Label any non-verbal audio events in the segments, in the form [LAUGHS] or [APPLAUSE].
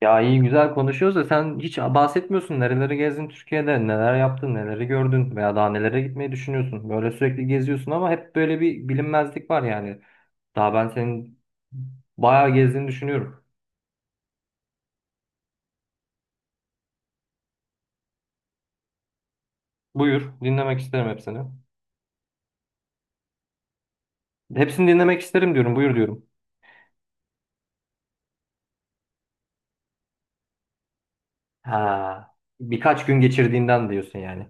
Ya iyi güzel konuşuyoruz da sen hiç bahsetmiyorsun. Nereleri gezdin Türkiye'de, neler yaptın, neleri gördün veya daha nelere gitmeyi düşünüyorsun. Böyle sürekli geziyorsun ama hep böyle bir bilinmezlik var yani. Daha ben senin bayağı gezdiğini düşünüyorum. Buyur, dinlemek isterim hepsini. Hepsini dinlemek isterim diyorum, buyur diyorum. Ha, birkaç gün geçirdiğinden diyorsun yani.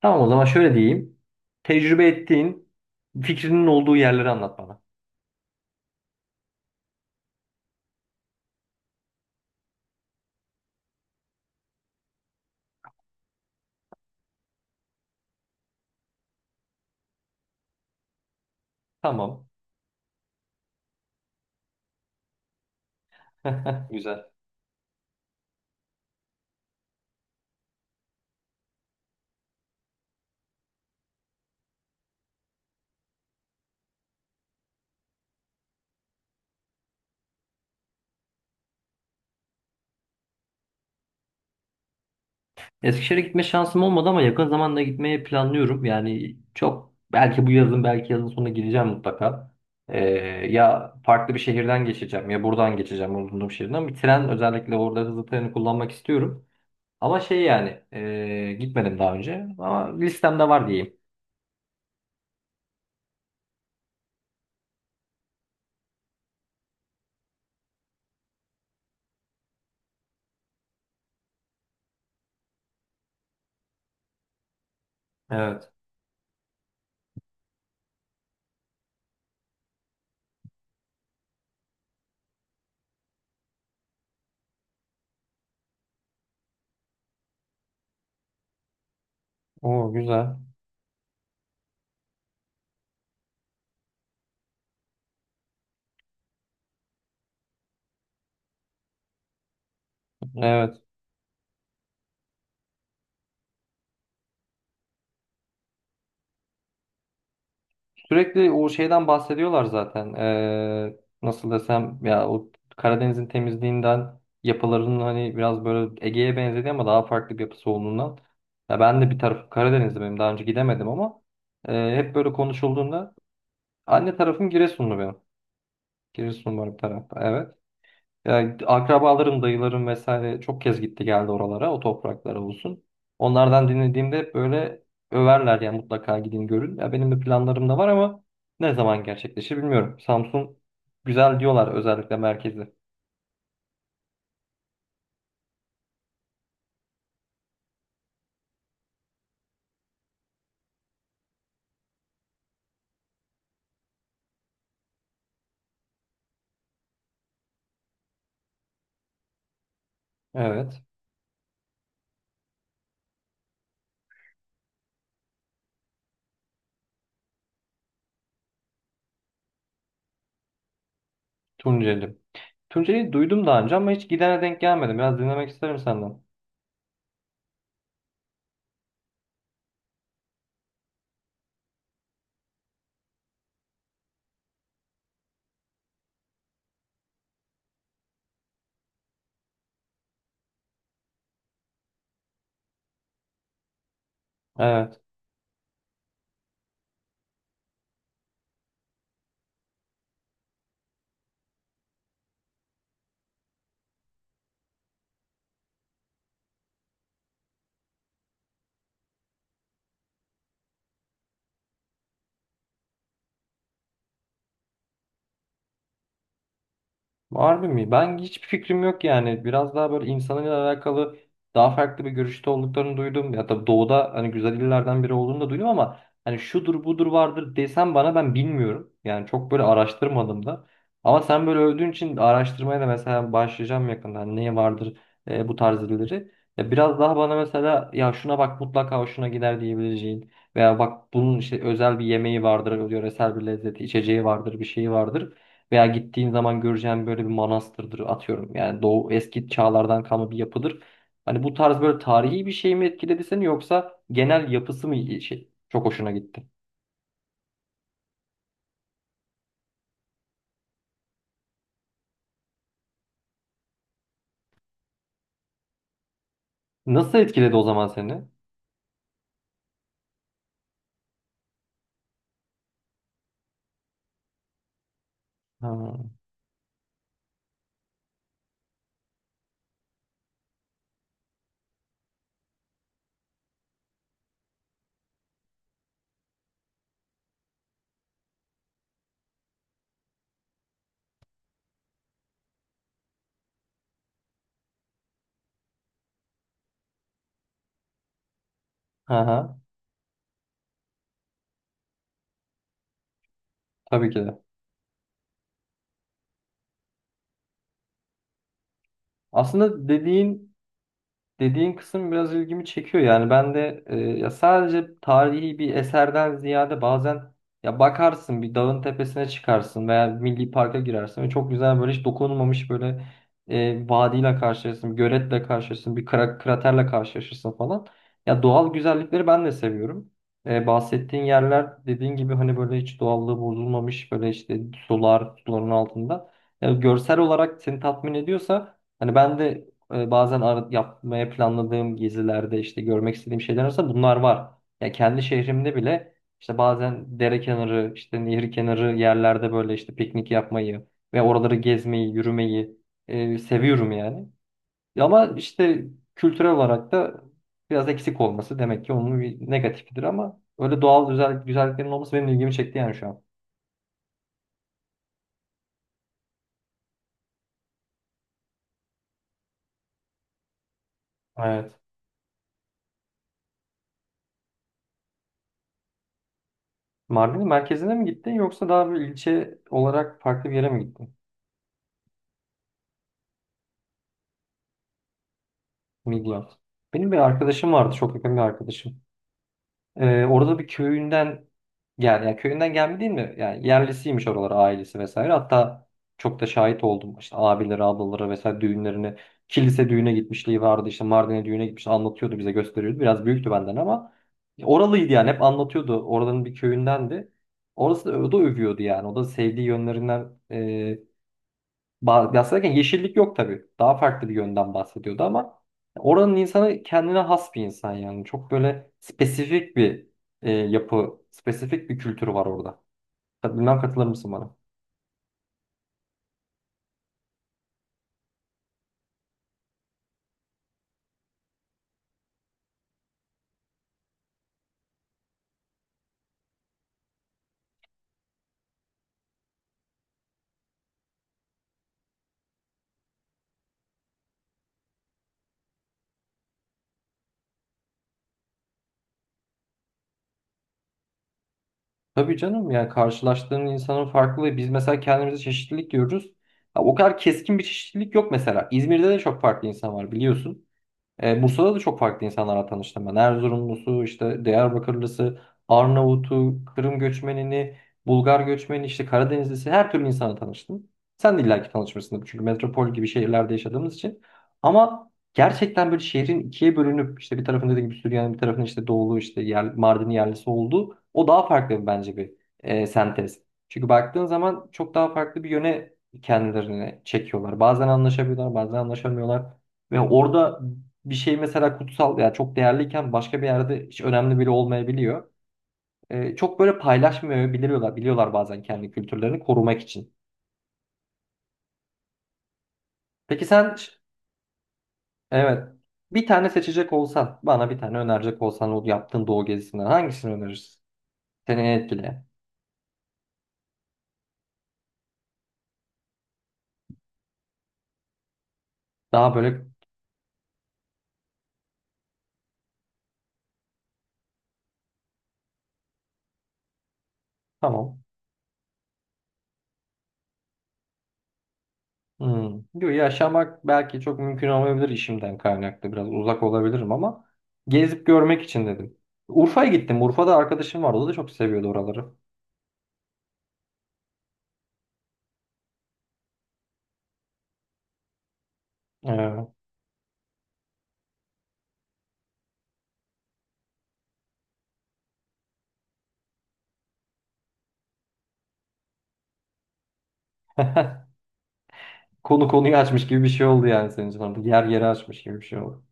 Tamam o zaman şöyle diyeyim. Tecrübe ettiğin, fikrinin olduğu yerleri anlat bana. Tamam. [LAUGHS] Güzel. Eskişehir'e gitme şansım olmadı ama yakın zamanda gitmeyi planlıyorum. Yani çok belki bu yazın belki yazın sonuna gideceğim mutlaka. Ee, ya farklı bir şehirden geçeceğim ya buradan geçeceğim bulunduğum şehirden. Bir tren özellikle orada hızlı treni kullanmak istiyorum. Ama şey yani gitmedim daha önce ama listemde var diyeyim. Evet. Oo güzel. Evet. Sürekli o şeyden bahsediyorlar zaten. Nasıl desem ya o Karadeniz'in temizliğinden yapılarının hani biraz böyle Ege'ye benzediği ama daha farklı bir yapısı olduğundan. Ya ben de bir tarafım Karadeniz'de benim daha önce gidemedim ama hep böyle konuşulduğunda anne tarafım Giresunlu benim. Giresunlu var bir tarafta evet. Yani akrabalarım, dayılarım vesaire çok kez gitti geldi oralara, o topraklara olsun. Onlardan dinlediğimde hep böyle överler yani mutlaka gidin görün. Ya benim de planlarım da var ama ne zaman gerçekleşir bilmiyorum. Samsun güzel diyorlar özellikle merkezi. Evet. Tunceli. Tunceli'yi duydum daha önce ama hiç gidene denk gelmedim. Biraz dinlemek isterim senden. Evet. Harbi mi? Ben hiçbir fikrim yok yani. Biraz daha böyle insanıyla alakalı daha farklı bir görüşte olduklarını duydum. Ya tabii doğuda hani güzel illerden biri olduğunu da duydum ama hani şudur budur vardır desem bana ben bilmiyorum. Yani çok böyle araştırmadım da. Ama sen böyle övdüğün için araştırmaya da mesela başlayacağım yakında. Hani neye vardır bu tarz illeri. Ya biraz daha bana mesela ya şuna bak mutlaka hoşuna gider diyebileceğin veya bak bunun işte özel bir yemeği vardır, yöresel bir lezzeti, içeceği vardır, bir şeyi vardır. Veya gittiğin zaman göreceğin böyle bir manastırdır atıyorum. Yani Doğu eski çağlardan kalma bir yapıdır. Hani bu tarz böyle tarihi bir şey mi etkiledi seni yoksa genel yapısı mı iyi şey? Çok hoşuna gitti. Nasıl etkiledi o zaman seni? Ha, ha, tabii ki de. Aslında dediğin Dediğin kısım biraz ilgimi çekiyor yani ben de ya sadece tarihi bir eserden ziyade bazen ya bakarsın bir dağın tepesine çıkarsın veya milli parka girersin ve çok güzel böyle hiç dokunulmamış böyle vadiyle karşılaşırsın, bir göletle karşılaşırsın, bir kraterle karşılaşırsın falan. Ya doğal güzellikleri ben de seviyorum. Bahsettiğin yerler dediğin gibi hani böyle hiç doğallığı bozulmamış böyle işte sular, suların altında. Ya görsel olarak seni tatmin ediyorsa hani ben de bazen yapmaya planladığım gezilerde işte görmek istediğim şeyler arasında bunlar var. Ya kendi şehrimde bile işte bazen dere kenarı, işte nehir kenarı yerlerde böyle işte piknik yapmayı ve oraları gezmeyi, yürümeyi seviyorum yani. Ya ama işte kültürel olarak da biraz eksik olması demek ki onun bir negatifidir ama öyle doğal güzel, güzelliklerin olması benim ilgimi çekti yani şu an. Evet. Mardin'in merkezine mi gittin yoksa daha bir ilçe olarak farklı bir yere mi gittin? Midyat. Benim bir arkadaşım vardı, çok yakın bir arkadaşım. Orada bir köyünden gel, yani köyünden gelme değil mi? Yani yerlisiymiş oralara ailesi vesaire. Hatta çok da şahit oldum. İşte abileri, ablaları vesaire düğünlerine, kilise düğüne gitmişliği vardı. İşte Mardin'e düğüne gitmiş, anlatıyordu bize gösteriyordu. Biraz büyüktü benden ama oralıydı yani hep anlatıyordu. Oradanın bir köyündendi. Orası da, o da övüyordu yani. O da sevdiği yönlerinden bahsederken yeşillik yok tabii. Daha farklı bir yönden bahsediyordu ama oranın insanı kendine has bir insan yani. Çok böyle spesifik bir yapı, spesifik bir kültür var orada. Bilmem katılır mısın bana? Tabii canım yani karşılaştığın insanın farklılığı. Biz mesela kendimize çeşitlilik diyoruz. Ha, o kadar keskin bir çeşitlilik yok mesela. İzmir'de de çok farklı insan var biliyorsun. Bursa'da da çok farklı insanlarla tanıştım ben. Erzurumlusu, işte Diyarbakırlısı, Arnavut'u, Kırım göçmenini, Bulgar göçmeni, işte Karadenizlisi her türlü insanla tanıştım. Sen de illaki tanışmışsındır çünkü metropol gibi şehirlerde yaşadığımız için. Ama gerçekten böyle şehrin ikiye bölünüp işte bir tarafın dediğim gibi Süryani, bir tarafın işte Doğulu, işte yer, Mardin yerlisi olduğu o daha farklı bence bir sentez. Çünkü baktığın zaman çok daha farklı bir yöne kendilerini çekiyorlar. Bazen anlaşabiliyorlar, bazen anlaşamıyorlar. Ve orada bir şey mesela kutsal ya çok değerliyken başka bir yerde hiç önemli bile olmayabiliyor. Çok böyle paylaşmıyor biliyorlar bazen kendi kültürlerini korumak için. Peki sen evet bir tane seçecek olsan bana bir tane önerecek olsan o yaptığın doğu gezisinden hangisini önerirsin? Seni en etkileyen. Daha böyle tamam. Hmm. Diyor, yaşamak belki çok mümkün olmayabilir işimden kaynaklı biraz uzak olabilirim ama gezip görmek için dedim. Urfa'ya gittim. Urfa'da arkadaşım vardı. O da çok seviyordu oraları. Ee, Konu konuyu açmış gibi bir şey oldu yani senin için orada. Yer yeri açmış gibi bir şey oldu.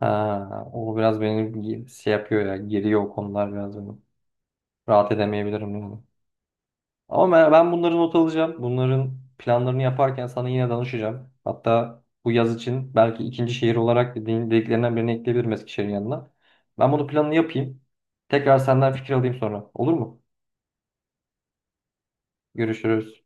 Ha, o biraz beni şey yapıyor ya. Geriyor o konular biraz beni. Rahat edemeyebilirim yani. Ama ben bunları not alacağım. Bunların planlarını yaparken sana yine danışacağım. Hatta bu yaz için belki ikinci şehir olarak dediklerinden birini ekleyebilirim Eskişehir'in yanına. Ben bunu planını yapayım. Tekrar senden fikir alayım sonra. Olur mu? Görüşürüz.